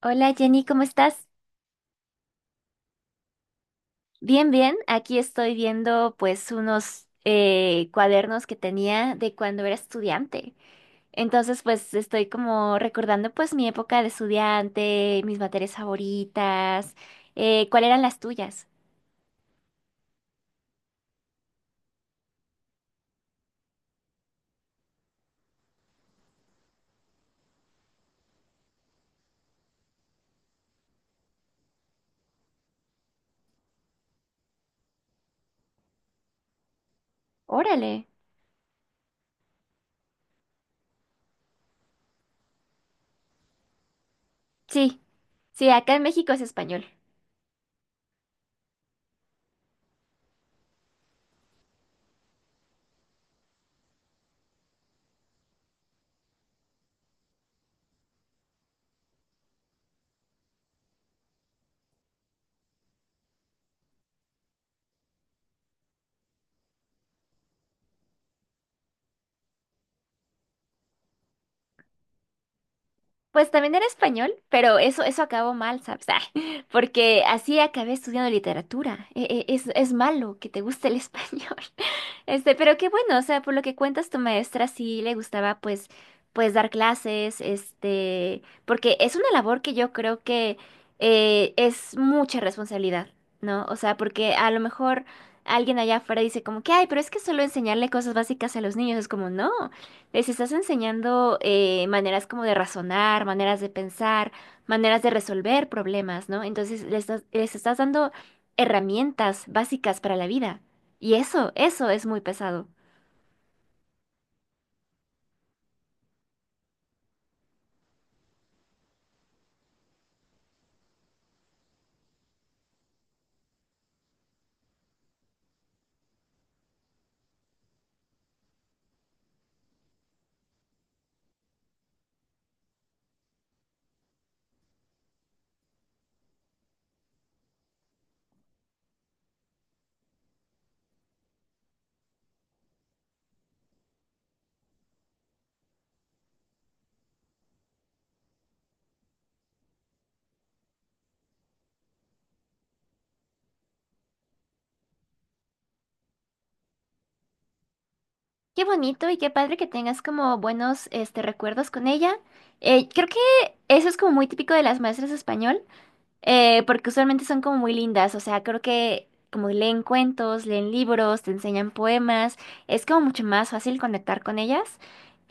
Hola Jenny, ¿cómo estás? Bien, bien. Aquí estoy viendo pues unos cuadernos que tenía de cuando era estudiante. Entonces pues estoy como recordando pues mi época de estudiante, mis materias favoritas, ¿cuáles eran las tuyas? Órale. Sí, sí, acá en México es español. Pues también era español, pero eso acabó mal, ¿sabes? Ah, porque así acabé estudiando literatura. Es malo que te guste el español. Este, pero qué bueno, o sea, por lo que cuentas, tu maestra sí le gustaba, pues, pues dar clases, este, porque es una labor que yo creo que es mucha responsabilidad, ¿no? O sea, porque a lo mejor alguien allá afuera dice como que, ay, pero es que solo enseñarle cosas básicas a los niños es como, no. Les estás enseñando maneras como de razonar, maneras de pensar, maneras de resolver problemas, ¿no? Entonces les estás dando herramientas básicas para la vida. Y eso es muy pesado. Qué bonito y qué padre que tengas como buenos este, recuerdos con ella. Creo que eso es como muy típico de las maestras de español. Porque usualmente son como muy lindas, o sea, creo que como leen cuentos, leen libros, te enseñan poemas, es como mucho más fácil conectar con ellas.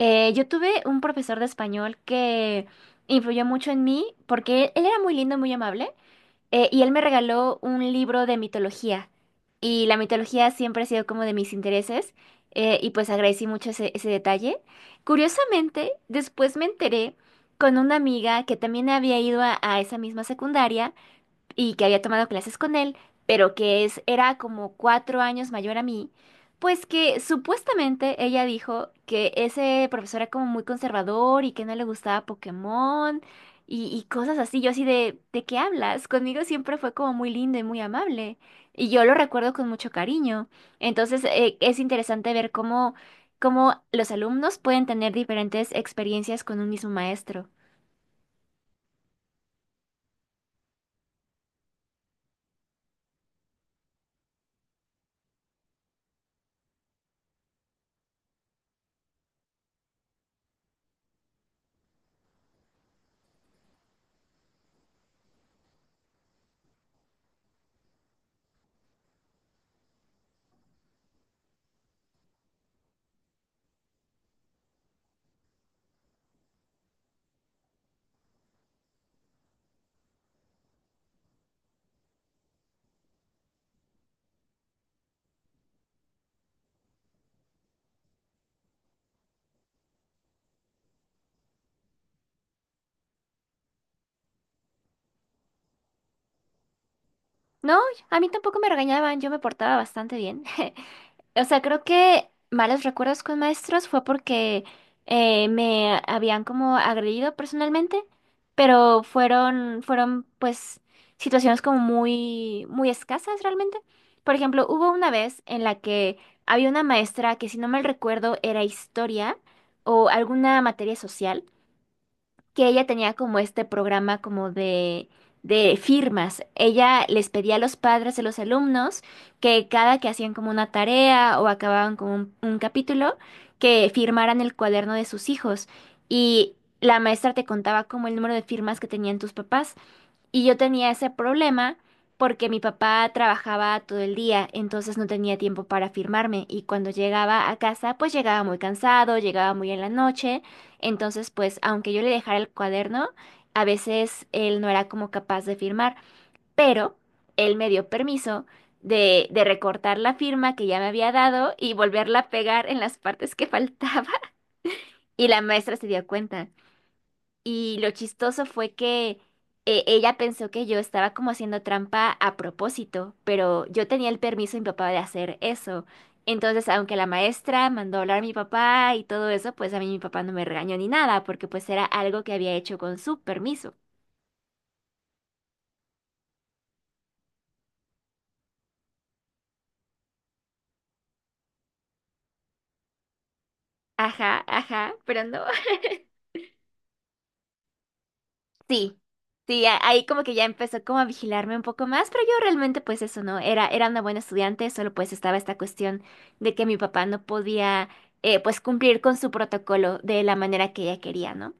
Yo tuve un profesor de español que influyó mucho en mí porque él era muy lindo, muy amable, y él me regaló un libro de mitología. Y la mitología siempre ha sido como de mis intereses, y pues agradecí mucho ese, ese detalle. Curiosamente, después me enteré con una amiga que también había ido a esa misma secundaria y que había tomado clases con él, pero que es, era como 4 años mayor a mí, pues que supuestamente ella dijo que ese profesor era como muy conservador y que no le gustaba Pokémon y cosas así. Yo así ¿de qué hablas? Conmigo siempre fue como muy lindo y muy amable. Y yo lo recuerdo con mucho cariño. Entonces, es interesante ver cómo, cómo los alumnos pueden tener diferentes experiencias con un mismo maestro. No, a mí tampoco me regañaban, yo me portaba bastante bien. O sea, creo que malos recuerdos con maestros fue porque me habían como agredido personalmente, pero fueron, fueron pues situaciones como muy, muy escasas realmente. Por ejemplo, hubo una vez en la que había una maestra que si no mal recuerdo era historia o alguna materia social, que ella tenía como este programa como de firmas. Ella les pedía a los padres de los alumnos que cada que hacían como una tarea o acababan con un capítulo, que firmaran el cuaderno de sus hijos. Y la maestra te contaba como el número de firmas que tenían tus papás. Y yo tenía ese problema porque mi papá trabajaba todo el día, entonces no tenía tiempo para firmarme y cuando llegaba a casa pues llegaba muy cansado, llegaba muy en la noche, entonces pues aunque yo le dejara el cuaderno, a veces él no era como capaz de firmar, pero él me dio permiso de recortar la firma que ya me había dado y volverla a pegar en las partes que faltaba, y la maestra se dio cuenta. Y lo chistoso fue que ella pensó que yo estaba como haciendo trampa a propósito, pero yo tenía el permiso de mi papá de hacer eso. Entonces, aunque la maestra mandó a hablar a mi papá y todo eso, pues a mí mi papá no me regañó ni nada, porque pues era algo que había hecho con su permiso. Ajá, ajá, pero no. Sí, sí, ahí como que ya empezó como a vigilarme un poco más, pero yo realmente pues eso no, era, era una buena estudiante, solo pues estaba esta cuestión de que mi papá no podía, pues, cumplir con su protocolo de la manera que ella quería, ¿no?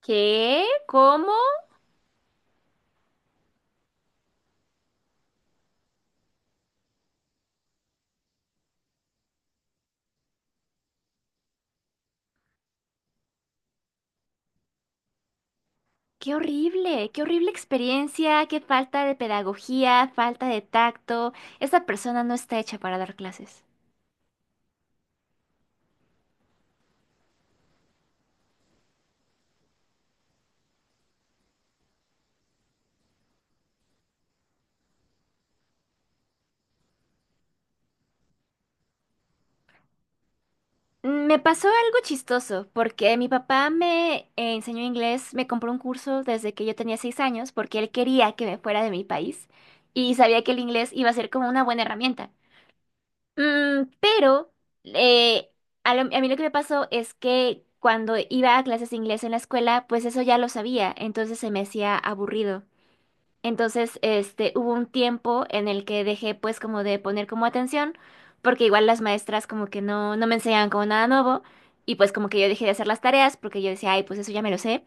¿Qué? ¿Cómo? Qué horrible experiencia, qué falta de pedagogía, falta de tacto. Esa persona no está hecha para dar clases. Me pasó algo chistoso, porque mi papá me enseñó inglés, me compró un curso desde que yo tenía 6 años, porque él quería que me fuera de mi país y sabía que el inglés iba a ser como una buena herramienta. Mm, pero eh, a mí lo que me pasó es que cuando iba a clases de inglés en la escuela, pues eso ya lo sabía, entonces se me hacía aburrido. Entonces, este, hubo un tiempo en el que dejé pues como de poner como atención, porque igual las maestras como que no, no me enseñaban como nada nuevo, y pues como que yo dejé de hacer las tareas, porque yo decía, ay, pues eso ya me lo sé,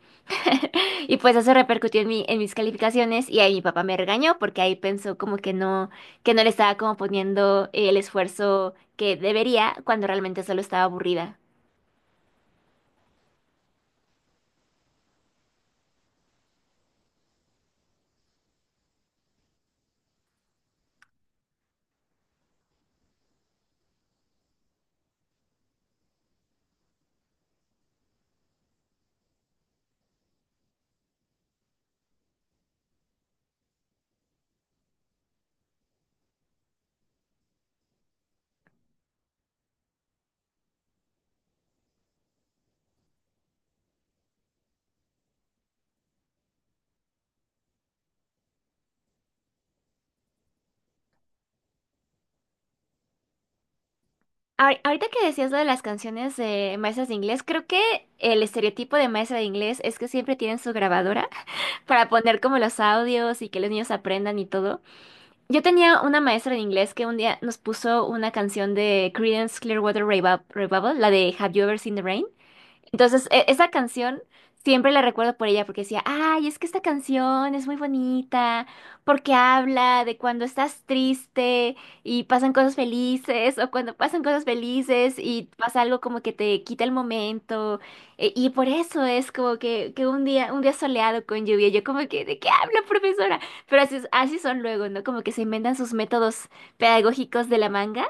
y pues eso repercutió en mi, en mis calificaciones, y ahí mi papá me regañó, porque ahí pensó como que no le estaba como poniendo el esfuerzo que debería, cuando realmente solo estaba aburrida. Ahorita que decías lo de las canciones de maestras de inglés, creo que el estereotipo de maestra de inglés es que siempre tienen su grabadora para poner como los audios y que los niños aprendan y todo. Yo tenía una maestra de inglés que un día nos puso una canción de Creedence Clearwater Revival, la de Have You Ever Seen the Rain? Entonces, esa canción siempre la recuerdo por ella porque decía, ay, es que esta canción es muy bonita porque habla de cuando estás triste y pasan cosas felices, o cuando pasan cosas felices y pasa algo como que te quita el momento. Y por eso es como que un día soleado con lluvia, yo como que, ¿de qué habla, profesora? Pero así, así son luego, ¿no? Como que se inventan sus métodos pedagógicos de la manga.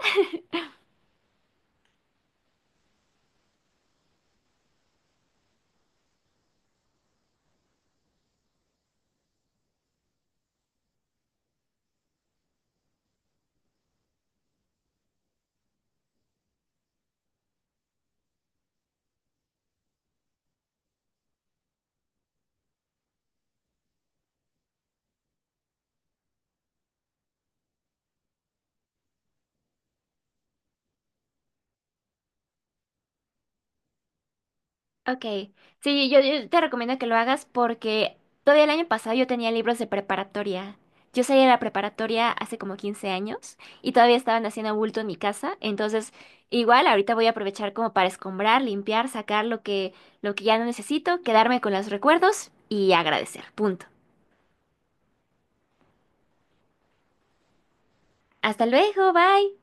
Ok, sí, yo te recomiendo que lo hagas porque todavía el año pasado yo tenía libros de preparatoria. Yo salí de la preparatoria hace como 15 años y todavía estaban haciendo bulto en mi casa. Entonces, igual ahorita voy a aprovechar como para escombrar, limpiar, sacar lo que ya no necesito, quedarme con los recuerdos y agradecer. Punto. Hasta luego, bye.